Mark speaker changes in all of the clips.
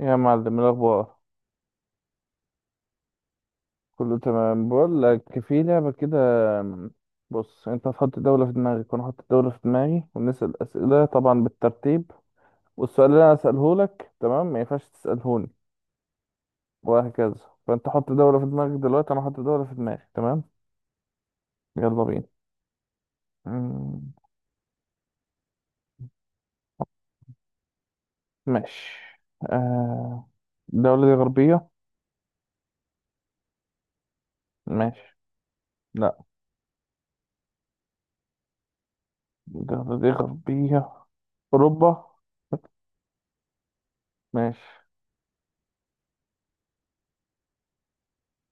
Speaker 1: يا معلم الأخبار، كله تمام. بقول لك في لعبة كده. بص، أنت هتحط دولة في دماغك وأنا هحط دولة في دماغي، ونسأل أسئلة طبعا بالترتيب. والسؤال اللي أنا أسأله لك تمام ما ينفعش تسألهوني، وهكذا. فأنت حط دولة في دماغك دلوقتي، أنا هحط دولة في دماغي تمام. يلا بينا. مم، ماشي. آه، الدولة دي غربية؟ ماشي. لا، الدولة دي غربية. أوروبا؟ ماشي.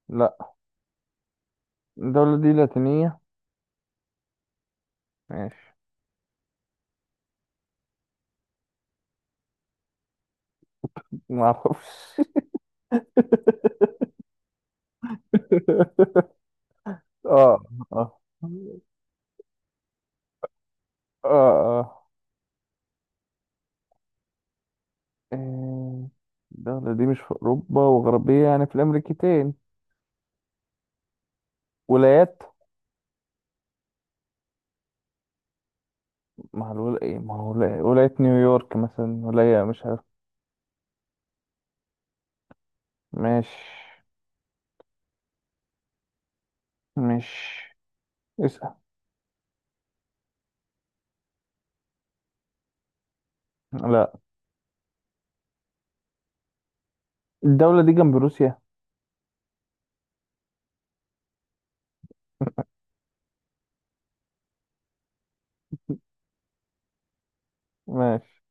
Speaker 1: لا، الدولة دي لاتينية؟ ماشي. معرفش. اه اه. اه اه. آه، الدولة دي مش في أوروبا وغربية، يعني في الأمريكتين. ولايات. ما هو إيه، ما هو ولاية، ولاية نيويورك مثلا، ولاية مش عارف. مش. مش. اسأل. لا، الدولة دي جنب روسيا؟ ماشي.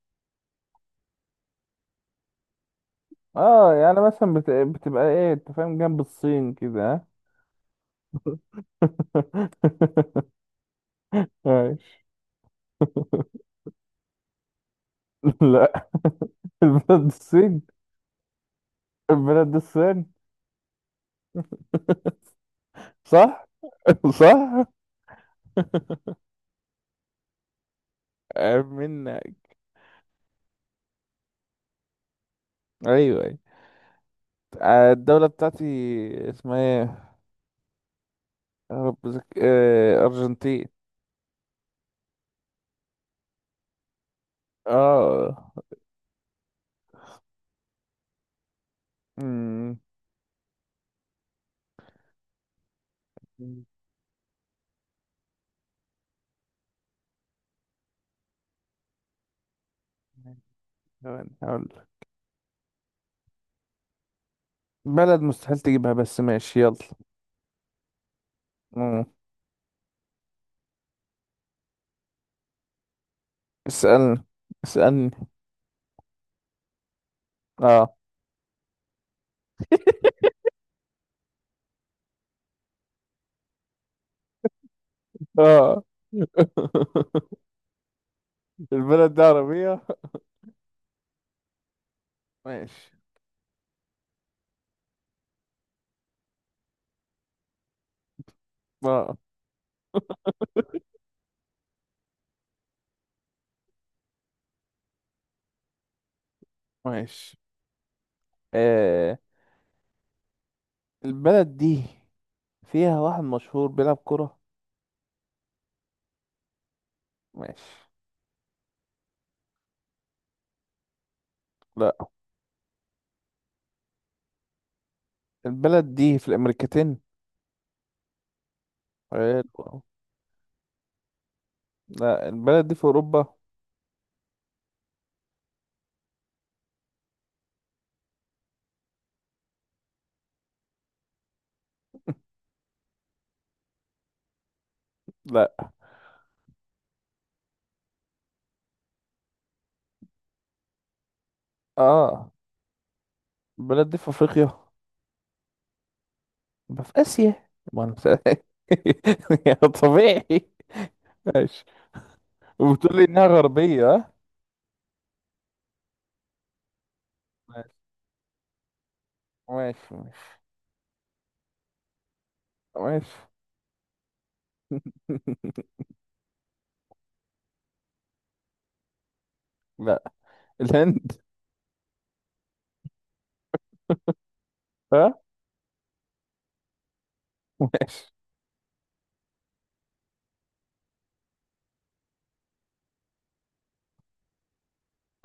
Speaker 1: اه، يعني مثلا بتبقى ايه انت فاهم، جنب الصين كده، ها؟ ماشي. لا، البلد الصين. البلد الصين. صح. صح. عيب منك. ايوه ايوه. الدولة بتاعتي اسمها ايه؟ يا رب ارجنتين. اه. أمم. ثواني هقول لك. بلد مستحيل تجيبها، بس ماشي يلا. أمم. اسألني. اسألني. اه. اه. البلد دي عربية؟ ماشي. اه. ماشي. آه. البلد دي فيها واحد مشهور بيلعب كرة؟ ماشي. لا، البلد دي في الأمريكتين؟ حلو. لا، البلد دي في اوروبا؟ لا. اه. البلد دي في افريقيا؟ يبقى في اسيا، ما انا يا طبيعي. ماشي. وبتقول لي انها غربية. ها؟ ماشي ماشي. ماشي. لا، الهند. ها. ماشي.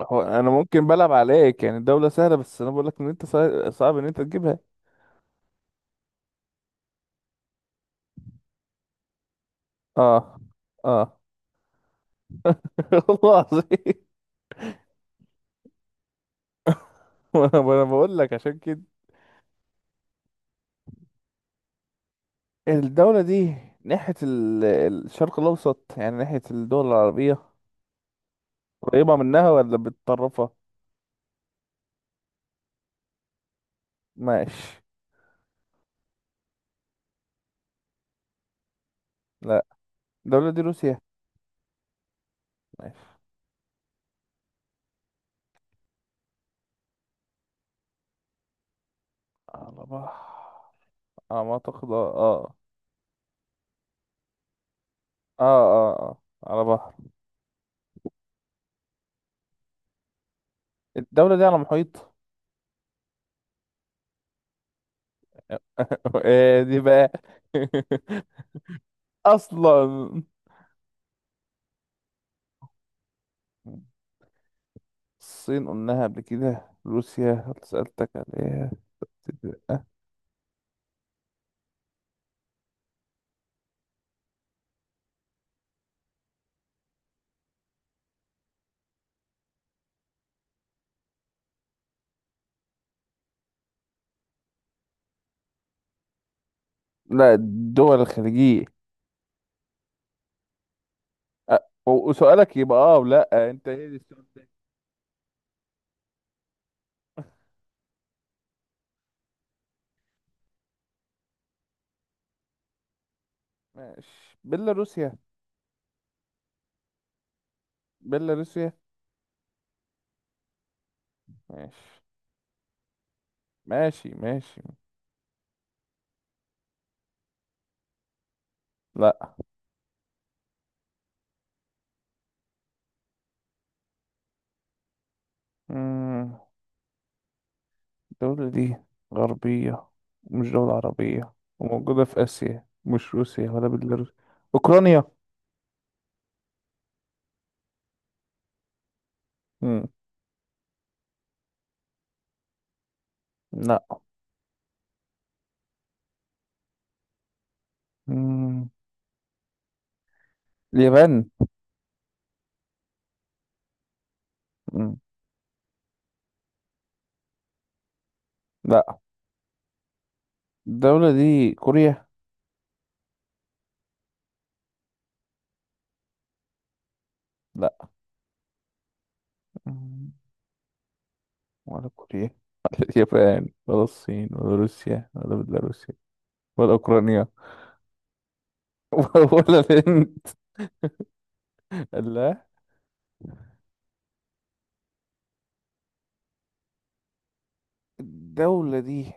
Speaker 1: هو انا ممكن بلعب عليك، يعني دولة سهلة، بس انا بقول لك ان انت صعب ان انت تجيبها. اه. اه. والله العظيم. وأنا بقول لك عشان كده. الدولة دي ناحية الشرق الاوسط، يعني ناحية الدول العربية، قريبة منها ولا بتطرفها؟ ماشي. لا، الدولة دي روسيا؟ ماشي. على بحر. على ما أعتقد اه. اه. اه اه. على بحر. الدولة دي على محيط. ايه دي بقى؟ أصلا الصين قلناها قبل كده، روسيا اللي سألتك عليها. لا، الدول الخليجية. أ- وسؤالك يبقى اه، ولا انت ايه السؤال؟ ماشي. بيلاروسيا. بيلاروسيا. ماشي ماشي. ماشي. لا. مم. الدولة دي غربية ومش دولة عربية، وموجودة في آسيا، مش روسيا ولا بيلاروس. أوكرانيا. مم. لا. مم. اليابان. مم. لا، الدولة دي كوريا. لا. مم. ولا كوريا، ولا اليابان، ولا الصين، ولا روسيا، ولا بيلاروسيا، ولا أوكرانيا. ولا الهند. لا. الدولة دي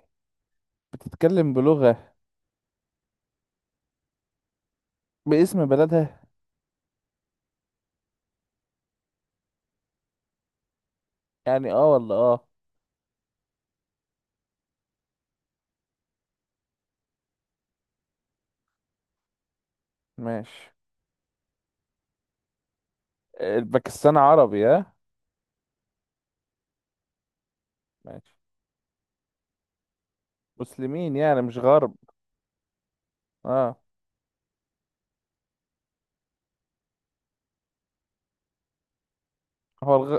Speaker 1: بتتكلم بلغة باسم بلدها؟ يعني اه ولا اه. ماشي. الباكستان عربي؟ ها. ماشي. مسلمين يعني مش غرب. اه. هو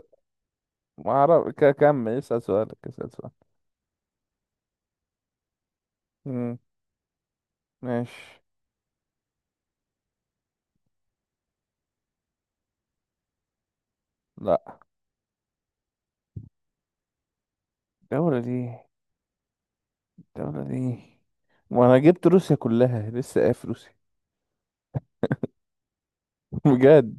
Speaker 1: ما اعرف، كمل اسأل سؤالك، اسأل سؤال. امم. ماشي. لا، الدولة دي. الدولة دي. وانا جبت روسيا كلها، لسه قايل في روسيا. بجد.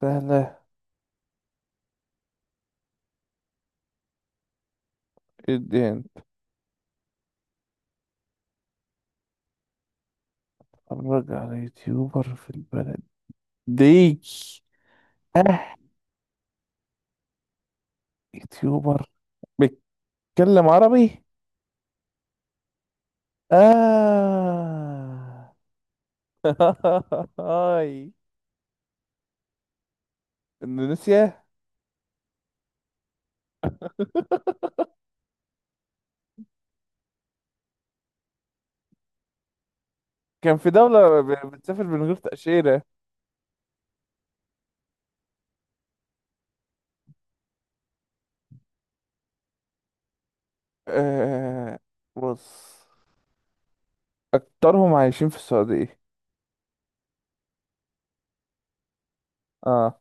Speaker 1: سهلة. جدا. اتفرج على يوتيوبر في البلد دي؟ اه. يوتيوبر بيتكلم عربي؟ اه. هاي. اندونيسيا. كان في دولة بتسافر من غير تأشيرة. آه بص، أكترهم عايشين في السعودية. اه.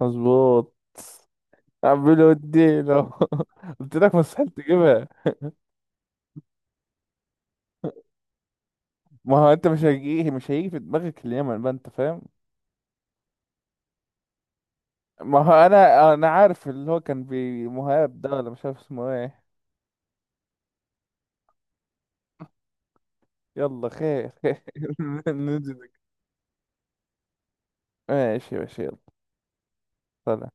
Speaker 1: مظبوط. عمال ودينا. قلت لك مستحيل تجيبها. ما هو انت مش هيجي في دماغك اليمن بقى، انت فاهم. ما هو انا عارف اللي هو كان بمهاب ده، ولا مش عارف اسمه ايه. يلا خير. خير. ننزل. ماشي ماشي يلا. سلام.